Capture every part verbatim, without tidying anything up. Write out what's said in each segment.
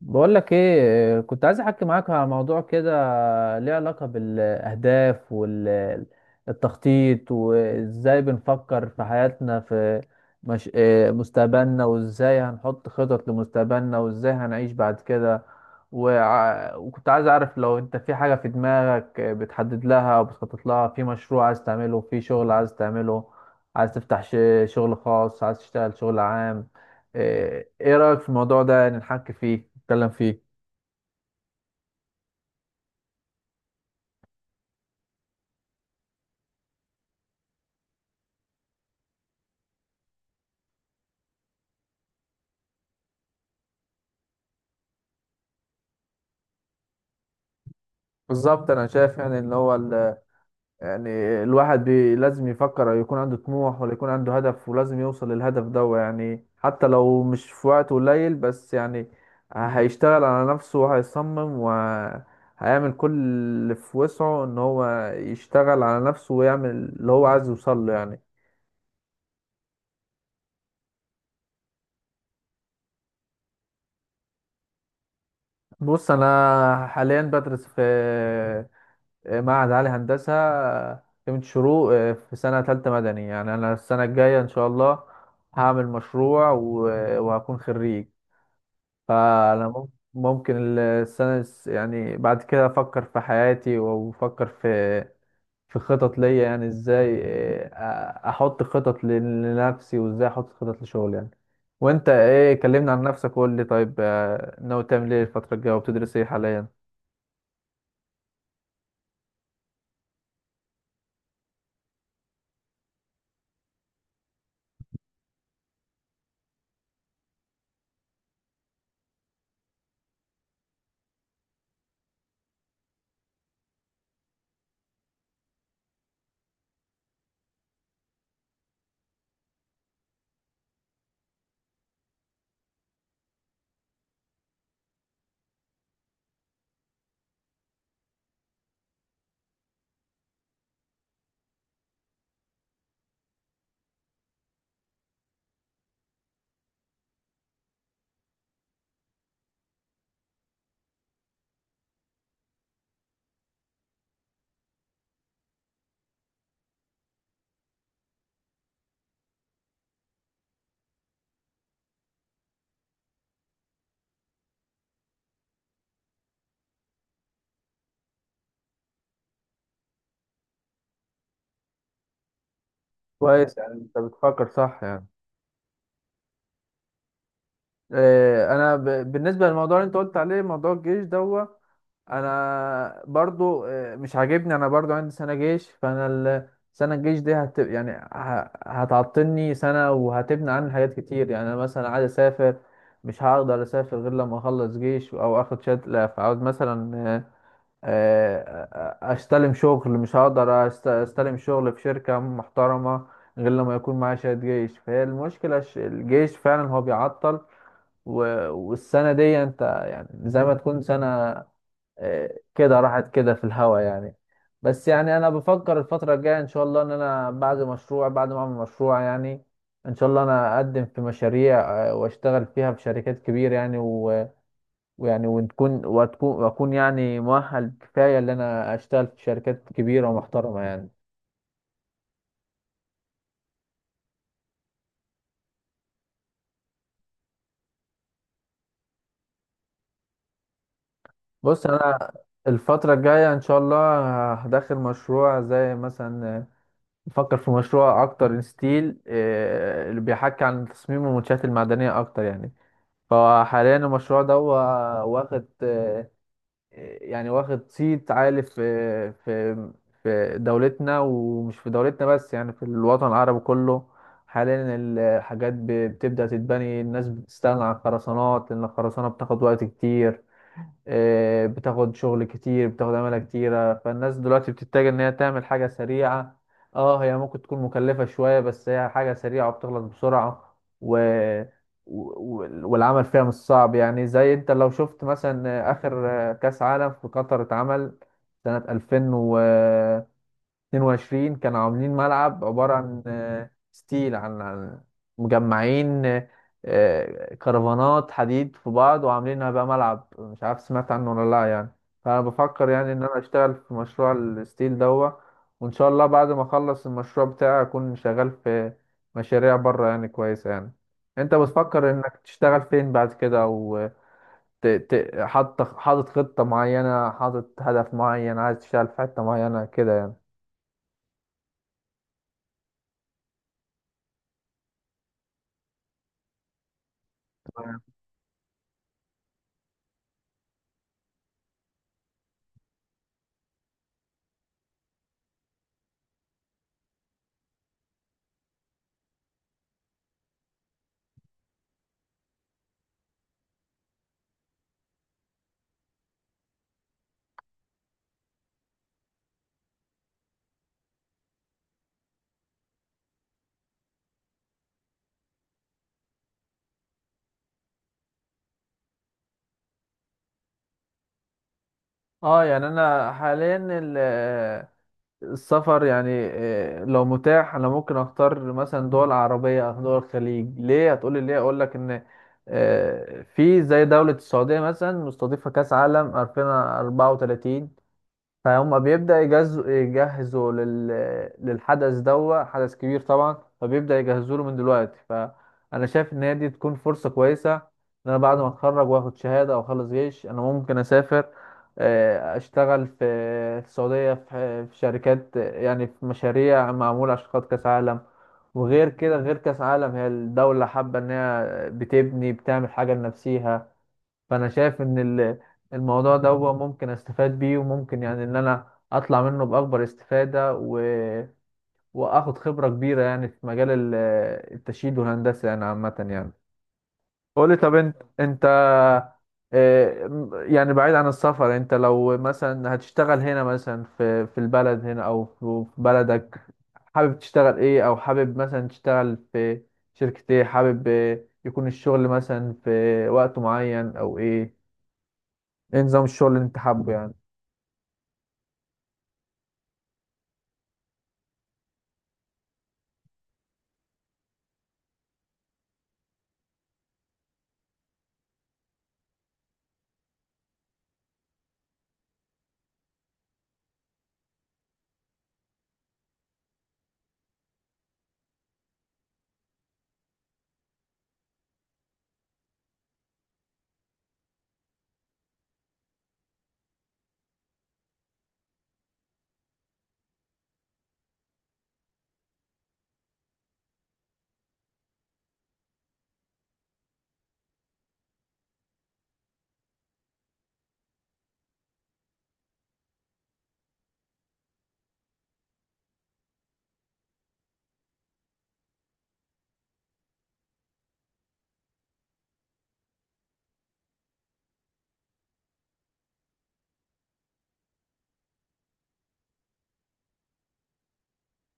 بقول لك ايه، كنت عايز احكي معاك على موضوع كده ليه علاقة بالاهداف والتخطيط وازاي بنفكر في حياتنا في مش... إيه، مستقبلنا وازاي هنحط خطط لمستقبلنا وازاي هنعيش بعد كده. وع... وكنت عايز اعرف لو انت في حاجة في دماغك بتحدد لها وبتخطط لها، في مشروع عايز تعمله، في شغل عايز تعمله، عايز تفتح ش... شغل خاص، عايز تشتغل شغل عام. ايه إيه رأيك في الموضوع ده؟ يعني نحكي فيه نتكلم فيه. بالظبط، انا شايف يعني ان هو ال... يعني الواحد بي... لازم يفكر، يكون عنده طموح ولا يكون عنده هدف، ولازم يوصل للهدف ده يعني. حتى لو مش في وقت قليل بس يعني هيشتغل على نفسه وهيصمم وهيعمل كل اللي في وسعه ان هو يشتغل على نفسه ويعمل اللي هو عايز يوصل له يعني. بص، انا حاليا بدرس في معهد عالي هندسة آه، قيمة شروق، آه، في سنة تالتة مدني، يعني أنا السنة الجاية إن شاء الله هعمل مشروع و- وهكون خريج. فأنا مم- ممكن ال- السنة الس- يعني بعد كده أفكر في حياتي، وأفكر في في خطط ليا، يعني إزاي آه، أ- أحط خطط ل- لنفسي، وإزاي أحط خطط لشغلي يعني. وأنت إيه؟ كلمنا عن نفسك، وقول لي طيب، آه، ناوي تعمل إيه الفترة الجاية، وبتدرس إيه حاليا؟ كويس، يعني أنت بتفكر صح يعني. آه، انا ب- بالنسبه للموضوع اللي انت قلت عليه، موضوع الجيش دوت، انا برضو آه، مش عاجبني. انا برضو عندي سنه جيش، فانا ال- سنه الجيش دي هت يعني ه- هتعطلني سنه وهتبني عني حاجات كتير يعني. انا مثلا عايز اسافر، مش هقدر اسافر غير لما اخلص جيش او اخد شهاده. فعاوز مثلا آه، آه، آه، استلم شغل، مش هقدر أست- استلم شغل في شركه محترمه غير لما يكون معايا شهاده جيش. فهي المشكله الش- الجيش فعلا هو بيعطل. و- والسنة دي انت يعني زي ما تكون سنة آه، كده راحت كده في الهوا يعني. بس يعني انا بفكر الفترة الجاية ان شاء الله ان انا بعد مشروع، بعد ما اعمل مشروع يعني، ان شاء الله انا اقدم في مشاريع آه، واشتغل فيها في شركات كبيرة يعني. و- ويعني وتكون وتكون واكون يعني مؤهل كفاية ان انا اشتغل في شركات كبيرة ومحترمة يعني. بص، انا الفترة الجاية ان شاء الله هدخل مشروع زي مثلا، بفكر في مشروع اكتر ستيل، آه، اللي بيحكي عن تصميم المنشآت المعدنية اكتر يعني. فحاليا المشروع ده هو واخد آه، يعني واخد صيت عالي في في في دولتنا، ومش في دولتنا بس، يعني في الوطن العربي كله. حاليا الحاجات ب- بتبدأ تتبني، الناس بتستغنى عن الخرسانات، لأن الخرسانة بتاخد وقت كتير، آه، بتاخد شغل كتير، بتاخد عمالة كتيرة. فالناس دلوقتي بتتجه إن هي تعمل حاجة سريعة. اه، هي ممكن تكون مكلفة شوية، بس هي حاجة سريعة وبتخلص بسرعة و... و... و- والعمل فيها مش صعب يعني. زي انت لو شفت مثلا آه، آخر آه، كأس عالم في قطر اتعمل سنة ألفين واتنين وعشرين، كانوا عاملين ملعب عبارة عن آه، ستيل، عن عن مجمعين آه، آه، كرفانات حديد في بعض، وعاملينها بقى ملعب. مش عارف سمعت عنه ولا لا يعني. فأنا بفكر يعني إن أنا أشتغل في مشروع الستيل دوا. وإن شاء الله بعد ما أخلص المشروع بتاعي أكون شغال في مشاريع بره يعني كويسة يعني. أنت بتفكر إنك تشتغل فين بعد كده، أو ت- ت- حاطط حاطط خطة معينة، حاطط هدف معين، عايز تشتغل في حتة معينة كده يعني؟ اه، يعني انا حاليا ال- السفر يعني آه، لو متاح، انا ممكن اختار مثلا دول عربيه او دول الخليج. ليه؟ هتقولي ليه؟ اقول لك ان آه، في زي دوله السعوديه مثلا مستضيفه كاس عالم ألفين واربعة وتلاتين، فهم بيبدأ يجهزوا يجهزوا لل... للحدث ده. حدث كبير طبعا، فبيبدأ يجهزوا له من دلوقتي. فأنا شايف إن هي دي تكون فرصة كويسة، إن أنا بعد ما أتخرج وآخد شهادة أو أخلص جيش، أنا ممكن أسافر آه، أشتغل في السعودية، في في شركات يعني، في مشاريع معمولة عشان خاطر كأس عالم. وغير كده، غير كأس عالم، هي الدولة حابة إن هي بتبني بتعمل حاجة لنفسيها. فانا شايف ان ال- الموضوع ده هو ممكن استفاد بيه، وممكن يعني ان انا اطلع منه باكبر استفادة و... واخد خبرة كبيرة يعني في مجال ال- التشييد والهندسة يعني، عامة يعني. قولي، طب انت، انت آه، م- يعني بعيد عن السفر، انت لو مثلا هتشتغل هنا، مثلا في في البلد هنا، او في في بلدك، حابب تشتغل ايه، او حابب مثلا تشتغل في شركة ايه؟ حابب آه، يكون الشغل مثلا في وقت معين او ايه؟ ايه نظام الشغل اللي انت حابه يعني؟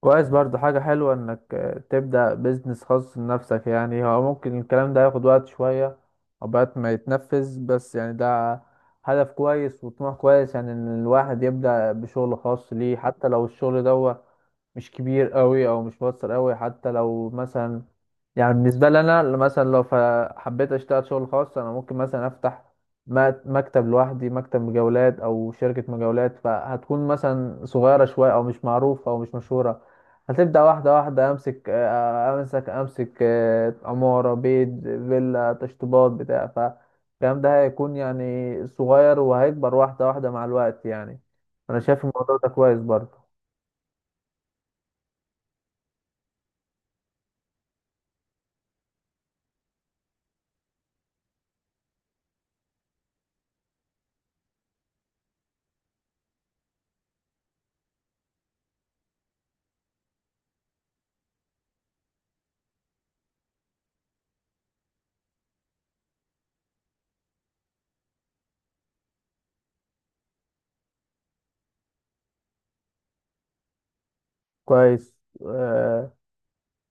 كويس برضو. حاجة حلوة انك آه، تبدأ بيزنس خاص لنفسك يعني. هو ممكن الكلام ده ياخد وقت شوية عقبال ما يتنفذ، بس يعني ده هدف كويس وطموح كويس يعني، ان الواحد يبدأ بشغل خاص ليه، حتى لو الشغل ده مش كبير قوي او مش مؤثر قوي. حتى لو مثلا يعني، بالنسبة لي أنا، اللي مثلا لو ف- حبيت أشتغل شغل خاص، أنا ممكن مثلا أفتح م- مكتب لوحدي، مكتب مجاولات أو شركة مجاولات، فهتكون مثلا صغيرة شوية أو مش معروفة أو مش مشهورة. هتبدأ واحدة واحدة أمسك، آه، أمسك أمسك آه، عمارة، بيت، فيلا، تشطيبات، بتاع. فالكلام ده هيكون يعني صغير وهيكبر واحدة واحدة مع الوقت يعني. أنا شايف الموضوع ده كويس برضه. كويس، آه،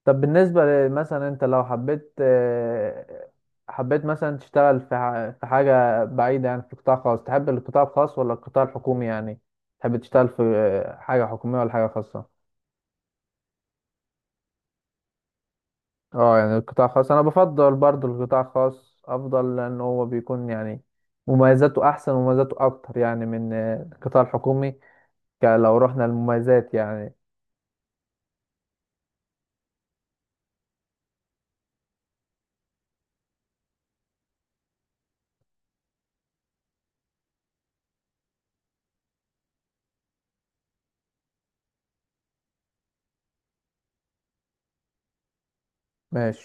طب بالنسبة ل- مثلا، انت لو حبيت آه، حبيت مثلا تشتغل في ح- في حاجة بعيدة يعني، في قطاع خاص، تحب القطاع الخاص ولا القطاع الحكومي يعني؟ تحب تشتغل في آه، حاجة حكومية ولا حاجة خاصة؟ اه، يعني القطاع الخاص، انا بفضل برضو القطاع الخاص افضل، لان هو بيكون يعني مميزاته احسن ومميزاته اكتر يعني من آه، القطاع الحكومي، ك- لو رحنا للمميزات يعني. ماشي.